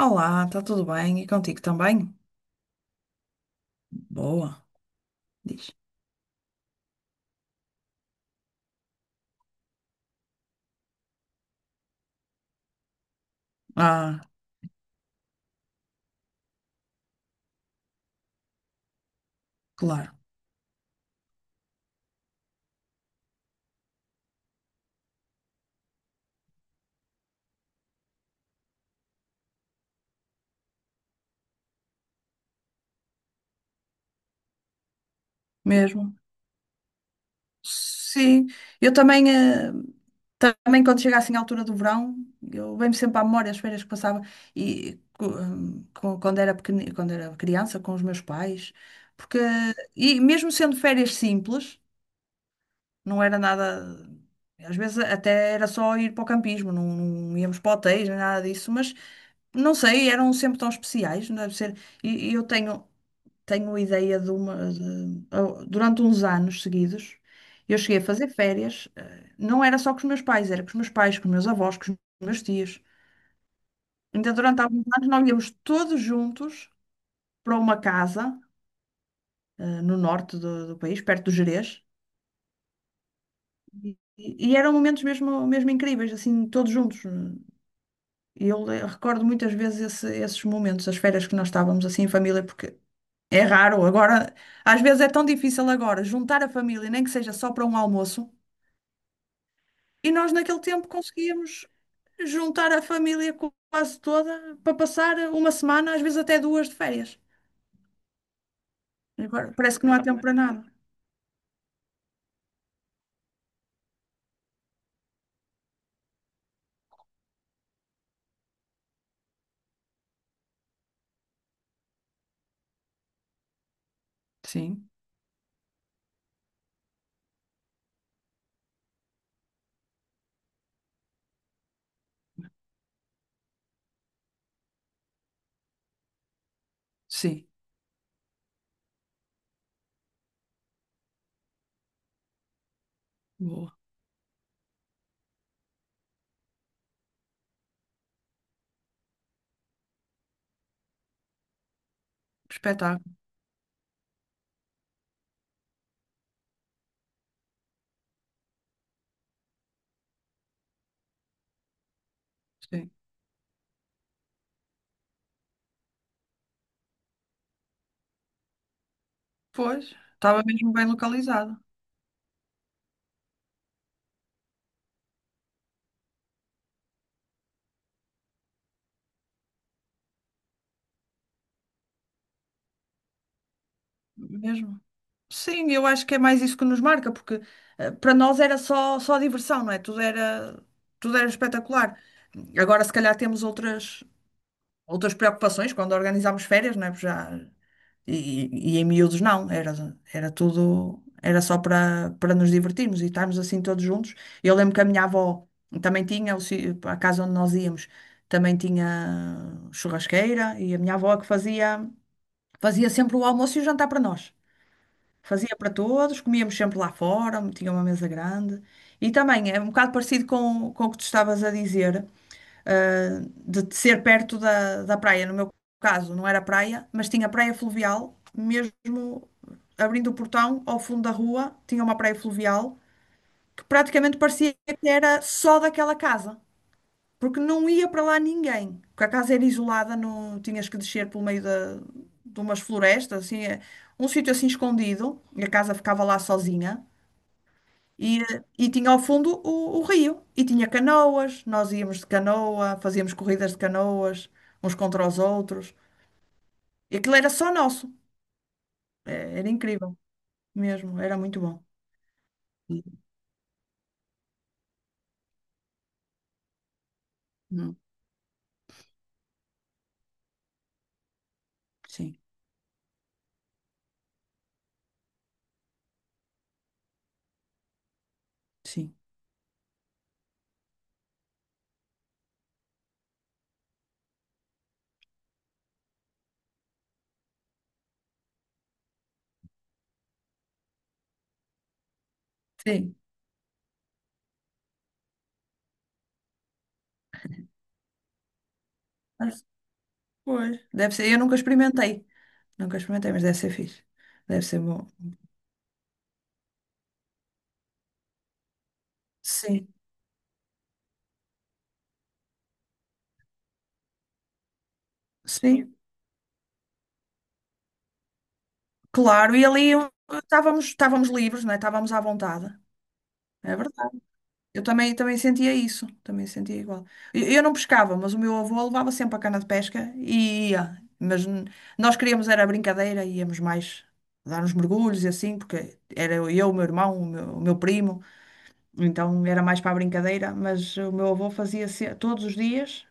Olá, está tudo bem? E contigo também? Boa, diz. Ah, claro, mesmo. Sim, eu também, também quando chega assim à altura do verão, eu venho sempre à memória as férias que passava e quando era quando era criança com os meus pais, porque e mesmo sendo férias simples, não era nada. Às vezes até era só ir para o campismo, não íamos para hotéis, nem nada disso, mas não sei, eram sempre tão especiais, não deve ser. E eu tenho, tenho ideia de uma. Durante uns anos seguidos, eu cheguei a fazer férias, não era só com os meus pais, era com os meus pais, com os meus avós, com os meus tios. Então, durante alguns anos, nós íamos todos juntos para uma casa, no norte do país, perto do Gerês. E eram momentos mesmo, mesmo incríveis, assim, todos juntos. E eu recordo muitas vezes esses momentos, as férias que nós estávamos assim em família, porque é raro agora, às vezes é tão difícil agora juntar a família, nem que seja só para um almoço, e nós naquele tempo conseguíamos juntar a família quase toda para passar uma semana, às vezes até duas de férias. Agora parece que não há tempo para nada. Sim, sim. Boa. Espetáculo. Sim. Pois, estava mesmo bem localizado. Mesmo. Sim, eu acho que é mais isso que nos marca, porque para nós era só, só diversão, não é? Tudo era espetacular. Agora, se calhar, temos outras, outras preocupações quando organizámos férias, não é? Porque já, e em miúdos, não. Era, era tudo, era só para, para nos divertirmos e estarmos assim todos juntos. Eu lembro que a minha avó também tinha, a casa onde nós íamos, também tinha churrasqueira e a minha avó é que fazia, fazia sempre o almoço e o jantar para nós. Fazia para todos, comíamos sempre lá fora, tinha uma mesa grande. E também é um bocado parecido com o que tu estavas a dizer, ah, de ser perto da, da praia. No meu caso, não era praia, mas tinha praia fluvial, mesmo abrindo o portão ao fundo da rua, tinha uma praia fluvial que praticamente parecia que era só daquela casa porque não ia para lá ninguém. Porque a casa era isolada, no, tinhas que descer pelo meio de umas florestas, assim, um sítio assim escondido, e a casa ficava lá sozinha. E tinha ao fundo o rio, e tinha canoas, nós íamos de canoa, fazíamos corridas de canoas, uns contra os outros. E aquilo era só nosso. É, era incrível mesmo, era muito bom. Hum, Sim, sim. Sim, mas, pois. Deve ser, eu nunca experimentei, mas deve ser fixe, deve ser bom. Sim. Sim, claro. E ali estávamos, estávamos livres, não é? Estávamos à vontade. É verdade. Eu também, também sentia isso. Também sentia igual. Eu não pescava, mas o meu avô levava sempre a cana de pesca e ia. Mas nós queríamos era brincadeira, íamos mais dar uns mergulhos e assim, porque era eu, o meu irmão, o meu primo. Então era mais para a brincadeira, mas o meu avô fazia todos os dias.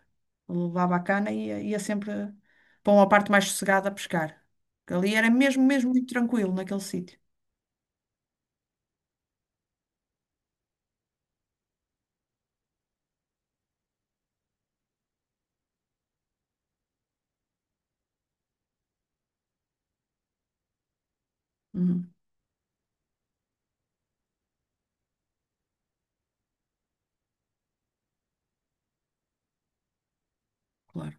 Levava a cana e ia, ia sempre para uma parte mais sossegada a pescar. Porque ali era mesmo, mesmo muito tranquilo naquele sítio. Uhum, claro.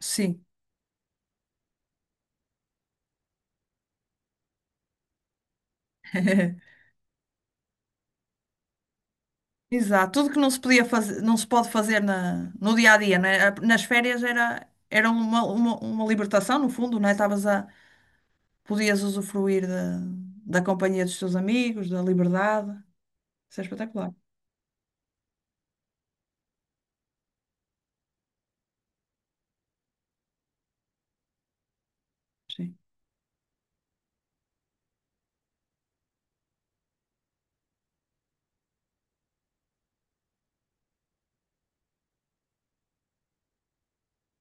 Sim. Exato. Tudo que não se podia fazer, não se pode fazer na, no dia a dia, né? Nas férias era, era uma libertação, no fundo, né? Estavas a, podias usufruir da, da companhia dos teus amigos, da liberdade. Isso é espetacular. Sim,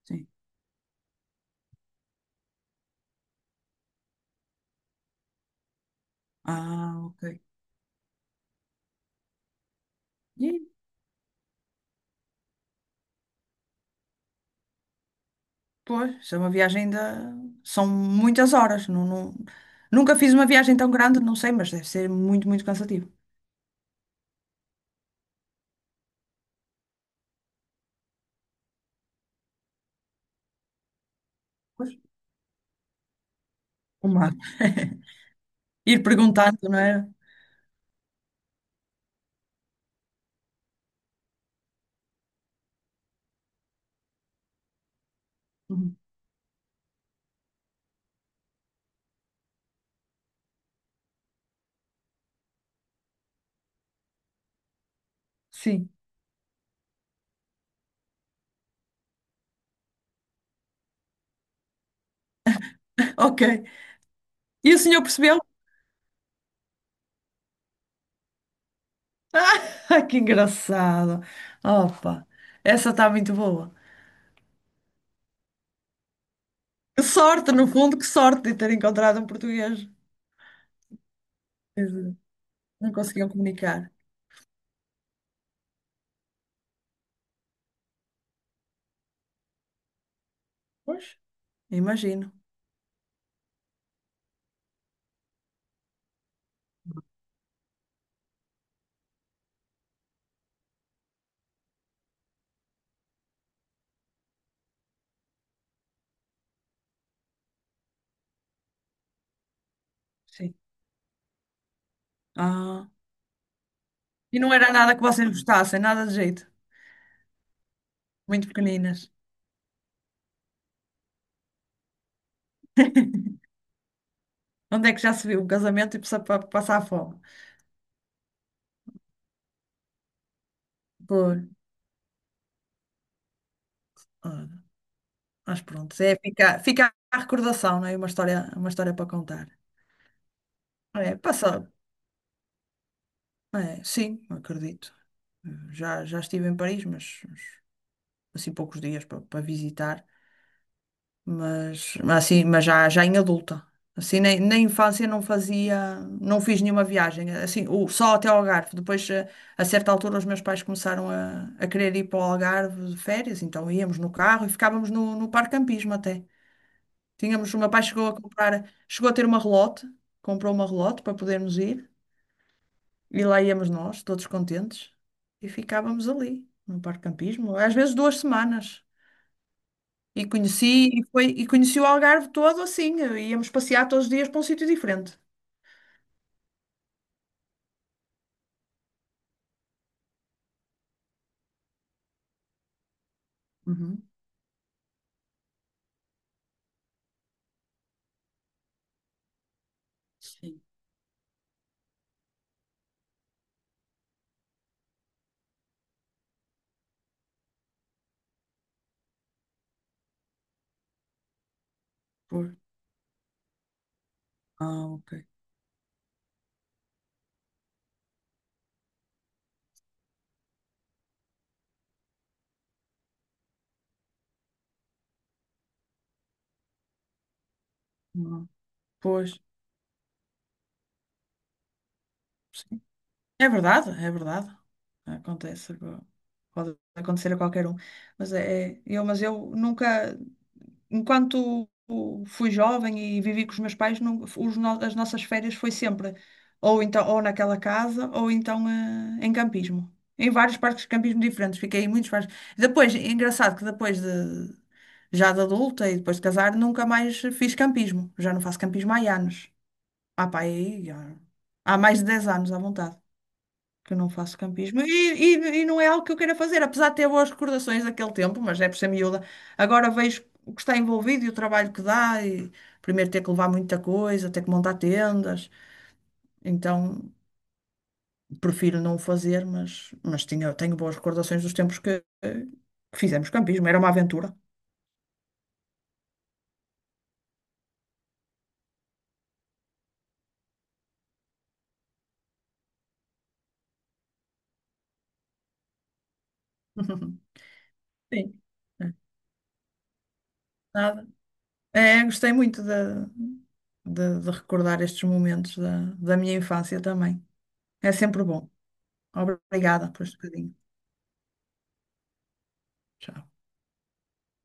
sim. Ah, ok. E, pois, isso é uma viagem da... São muitas horas. Não, nunca fiz uma viagem tão grande, não sei, mas deve ser muito, muito cansativo. Pois, uma... Ir perguntando, não era? Uhum. Sim. Ok. E o senhor percebeu? Ah, que engraçado. Opa, essa está muito boa. Que sorte, no fundo, que sorte de ter encontrado um português. Quer dizer, não conseguiam comunicar. Pois, imagino. Sim. Ah. E não era nada que vocês gostassem, nada de jeito. Muito pequeninas. Onde é que já se viu um casamento e precisa passar fome? Por... ah, mas pronto, é, fica, fica a recordação, não é? Uma história para contar. É, passa, é, sim, acredito. Já, já estive em Paris, mas, assim poucos dias para, para visitar. Mas assim, mas já em adulta. Assim, nem, na infância não fazia, não fiz nenhuma viagem, assim, só até ao Algarve. Depois, a, certa altura, os meus pais começaram a querer ir para o Algarve de férias, então íamos no carro e ficávamos no parque campismo até. Tínhamos, o meu pai chegou a comprar, chegou a ter uma relote, comprou uma relote para podermos ir, e lá íamos nós, todos contentes, e ficávamos ali, no parque campismo, às vezes 2 semanas. E conheci, e foi, e conheci o Algarve todo assim. Íamos passear todos os dias para um sítio diferente. Uhum. Sim. Pois, ah, ok. Não, pois, sim. É verdade, é verdade. Acontece, agora. Pode acontecer a qualquer um. Mas é, eu, mas eu nunca. Enquanto fui jovem e vivi com os meus pais, não- os no- as nossas férias foi sempre ou então ou naquela casa ou então em campismo. Em vários parques de campismo diferentes, fiquei em muitos parques. Depois, é engraçado que depois de já de adulta e depois de casar, nunca mais fiz campismo. Já não faço campismo há anos. Ah, pá, aí, há mais de 10 anos à vontade que eu não faço campismo. E não é algo que eu queira fazer, apesar de ter boas recordações daquele tempo, mas é por ser miúda. Agora vejo o que está envolvido e o trabalho que dá, e primeiro ter que levar muita coisa, ter que montar tendas. Então. Prefiro não o fazer, mas tinha, tenho boas recordações dos tempos que fizemos campismo. Era uma aventura. Sim. É, nada. É, gostei muito de recordar estes momentos da minha infância também. É sempre bom. Obrigada por este bocadinho. Tchau.